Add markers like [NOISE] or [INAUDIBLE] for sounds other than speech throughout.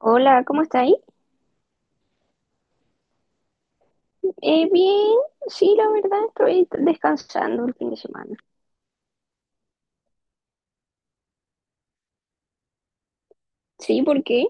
Hola, ¿cómo está ahí? Bien, sí, la verdad estoy descansando el fin de semana. Sí, ¿por qué?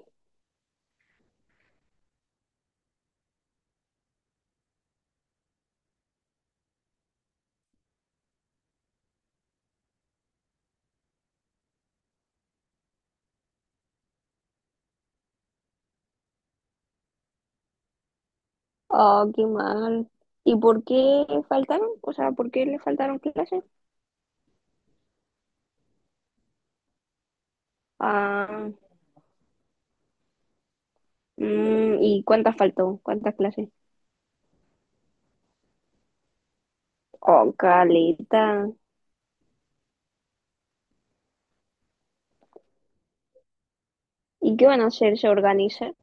Ah, qué mal. ¿Y por qué faltaron? O sea, ¿por qué le faltaron clases? Ah, mm, ¿y cuántas faltó? ¿Cuántas clases? Oh, caleta. ¿Y qué van a hacer? ¿Se organizan?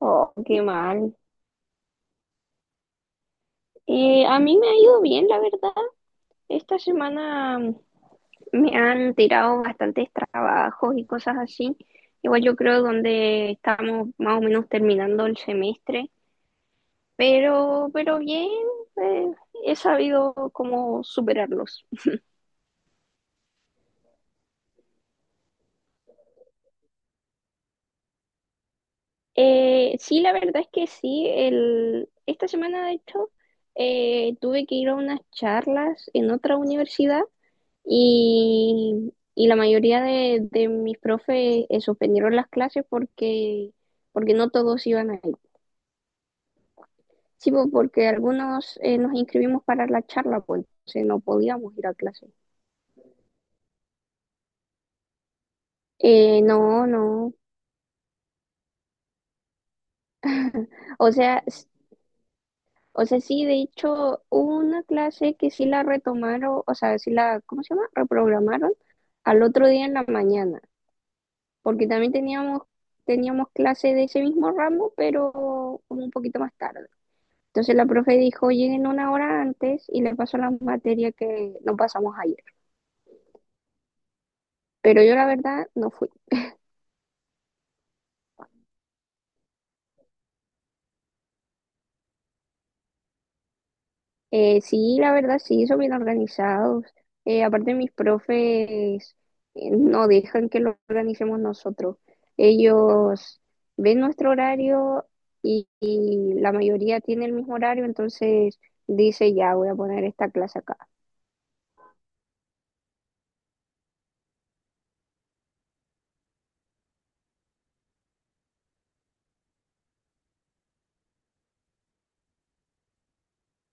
Oh, qué mal. A mí me ha ido bien, la verdad. Esta semana me han tirado bastantes trabajos y cosas así. Igual yo creo donde estamos más o menos terminando el semestre, pero bien, eh, he sabido cómo superarlos. Sí, la verdad es que sí, esta semana de hecho tuve que ir a unas charlas en otra universidad y la mayoría de mis profes suspendieron las clases porque no todos iban a... Sí, po, porque algunos nos inscribimos para la charla, pues entonces no podíamos ir a clase. No, no. O sea, o sea, sí, de hecho, hubo una clase que sí la retomaron, o sea, ¿cómo se llama? Reprogramaron al otro día en la mañana, porque también teníamos clase de ese mismo ramo, pero como un poquito más tarde. Entonces la profe dijo, lleguen una hora antes y le pasó la materia que no pasamos ayer. Pero yo la verdad no fui. Sí, la verdad, sí, son bien organizados. Aparte, mis profes no dejan que lo organicemos nosotros. Ellos ven nuestro horario y la mayoría tiene el mismo horario, entonces dice, ya voy a poner esta clase acá.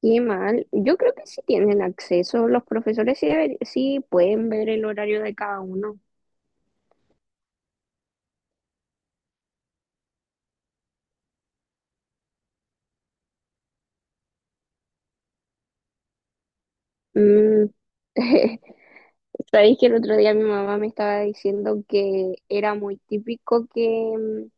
Qué mal. Yo creo que sí tienen acceso. Los profesores sí, sí pueden ver el horario de cada uno. Mm. [LAUGHS] Sabéis que el otro día mi mamá me estaba diciendo que era muy típico que... mm,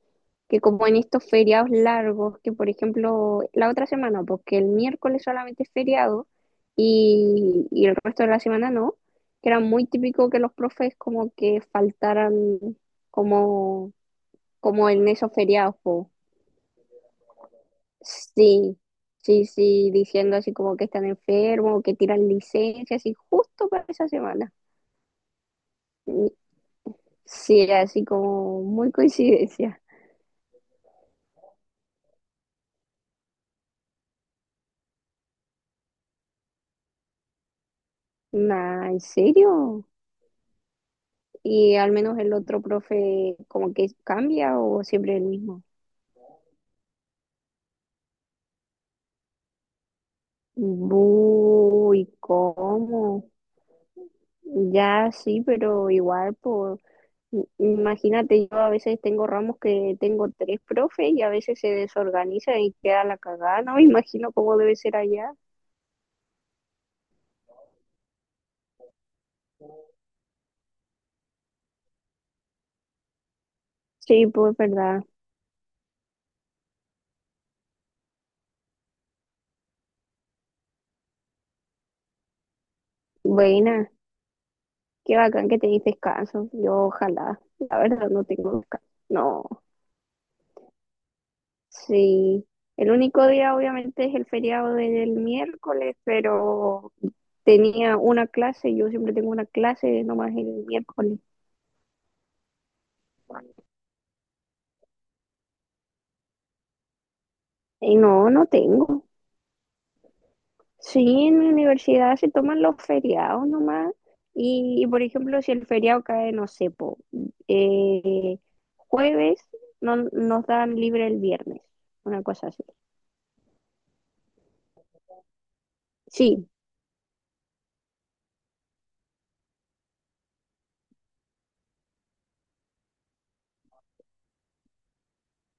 que como en estos feriados largos, que por ejemplo la otra semana, porque el miércoles solamente es feriado y el resto de la semana no, que era muy típico que los profes como que faltaran como, como en esos feriados, po. Sí, sí, sí, diciendo así como que están enfermos, que tiran licencias y justo para esa semana. Y- Sí, así como muy coincidencia. Nah, ¿en serio? Y al menos el otro profe como que cambia o siempre el mismo. Bu, ¿y cómo? Ya sí, pero igual, por imagínate, yo a veces tengo ramos que tengo tres profes y a veces se desorganiza y queda la cagada, no me [LAUGHS] imagino cómo debe ser allá. Sí, pues verdad. Buena, qué bacán que tenéis descanso. Yo ojalá, la verdad no tengo descanso. No. Sí, el único día obviamente es el feriado del miércoles, pero tenía una clase, yo siempre tengo una clase nomás el miércoles. Y no, no tengo. Sí, en mi universidad se toman los feriados nomás. Y, por ejemplo, si el feriado cae, no sé, po, eh, jueves, no, nos dan libre el viernes, una cosa así. Sí,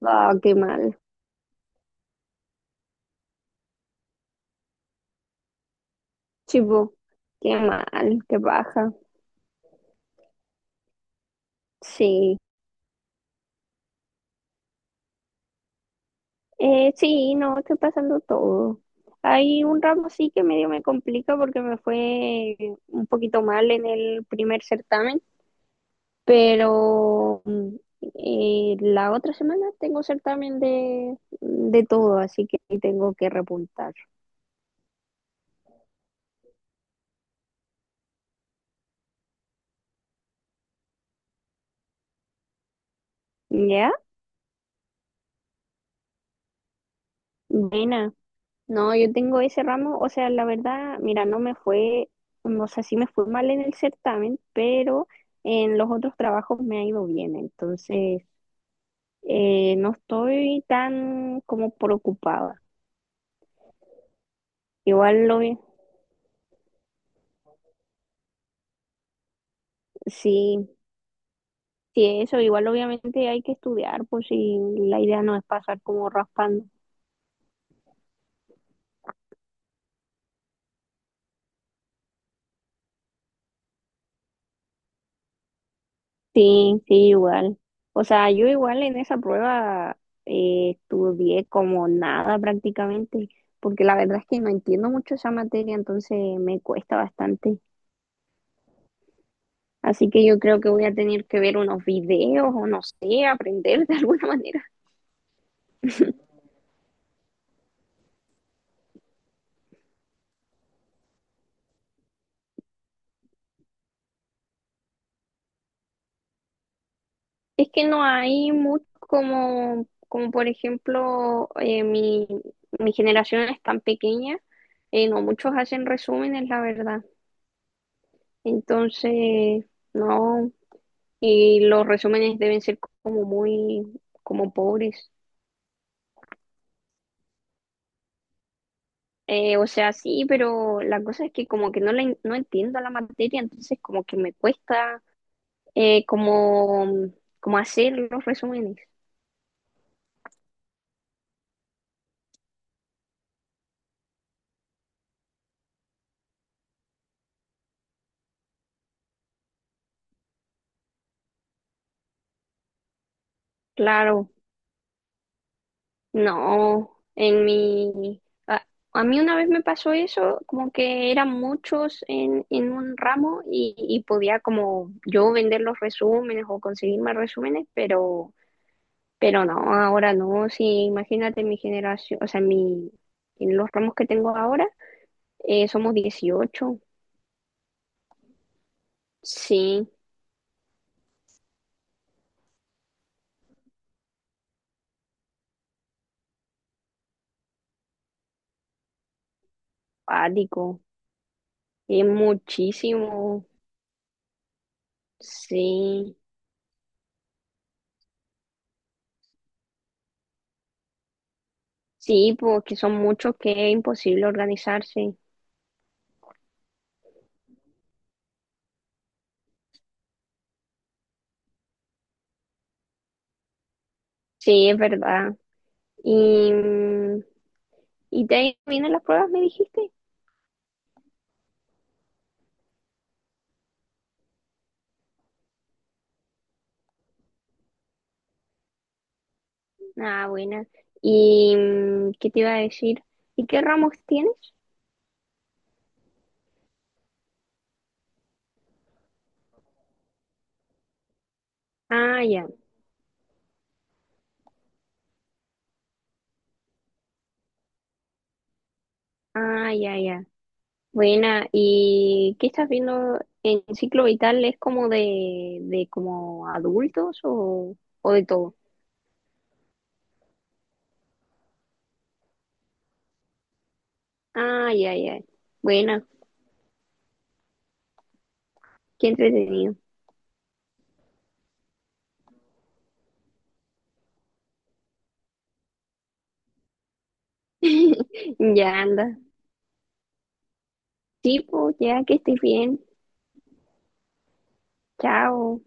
ah, qué mal. Sí, po, qué mal, qué baja. Sí. Sí, no, estoy pasando todo. Hay un ramo sí que medio me complica porque me fue un poquito mal en el primer certamen, pero mm, la otra semana tengo certamen de todo, así que tengo que repuntar. ¿Ya? Buena. No, yo tengo ese ramo, o sea, la verdad, mira, no me fue, o sea, sí me fue mal en el certamen, pero en los otros trabajos me ha ido bien, entonces... No estoy tan como preocupada. Igual lo, sí, sí, eso, igual obviamente hay que estudiar, pues si la idea no es pasar como raspando. Sí, sí, igual. O sea, yo igual en esa prueba estudié como nada prácticamente, porque la verdad es que no entiendo mucho esa materia, entonces me cuesta bastante. Así que yo creo que voy a tener que ver unos videos o no sé, aprender de [LAUGHS] alguna manera. Es que no hay mucho como, como por ejemplo, mi generación es tan pequeña, no muchos hacen resúmenes, la verdad. Entonces, no, y los resúmenes deben ser como muy, como pobres. O sea, sí, pero la cosa es que como que no, no entiendo la materia, entonces como que me cuesta eh, como, como hacer los resúmenes. Claro. No, en mi... A, a mí una vez me pasó eso, como que eran muchos en un ramo y podía como yo vender los resúmenes o conseguir más resúmenes, pero no, ahora no. Sí, imagínate mi generación, en los ramos que tengo ahora, somos 18. Sí, pático, es muchísimo. Sí, sí, porque son muchos que es imposible organizarse. Sí, es verdad. Y, mm, y te ahí vienen las pruebas, me dijiste. Ah, buena. ¿Y mm, qué te iba a decir? ¿Y qué ramos tienes? Ah, ya, ah, ya, ya. Buena. ¿Y qué estás viendo en ciclo vital? ¿Es como de como adultos o de todo? Ah, ya, ya. Buena, qué entretenido. Ya anda. Sí, pues, ya que estés bien. Chao.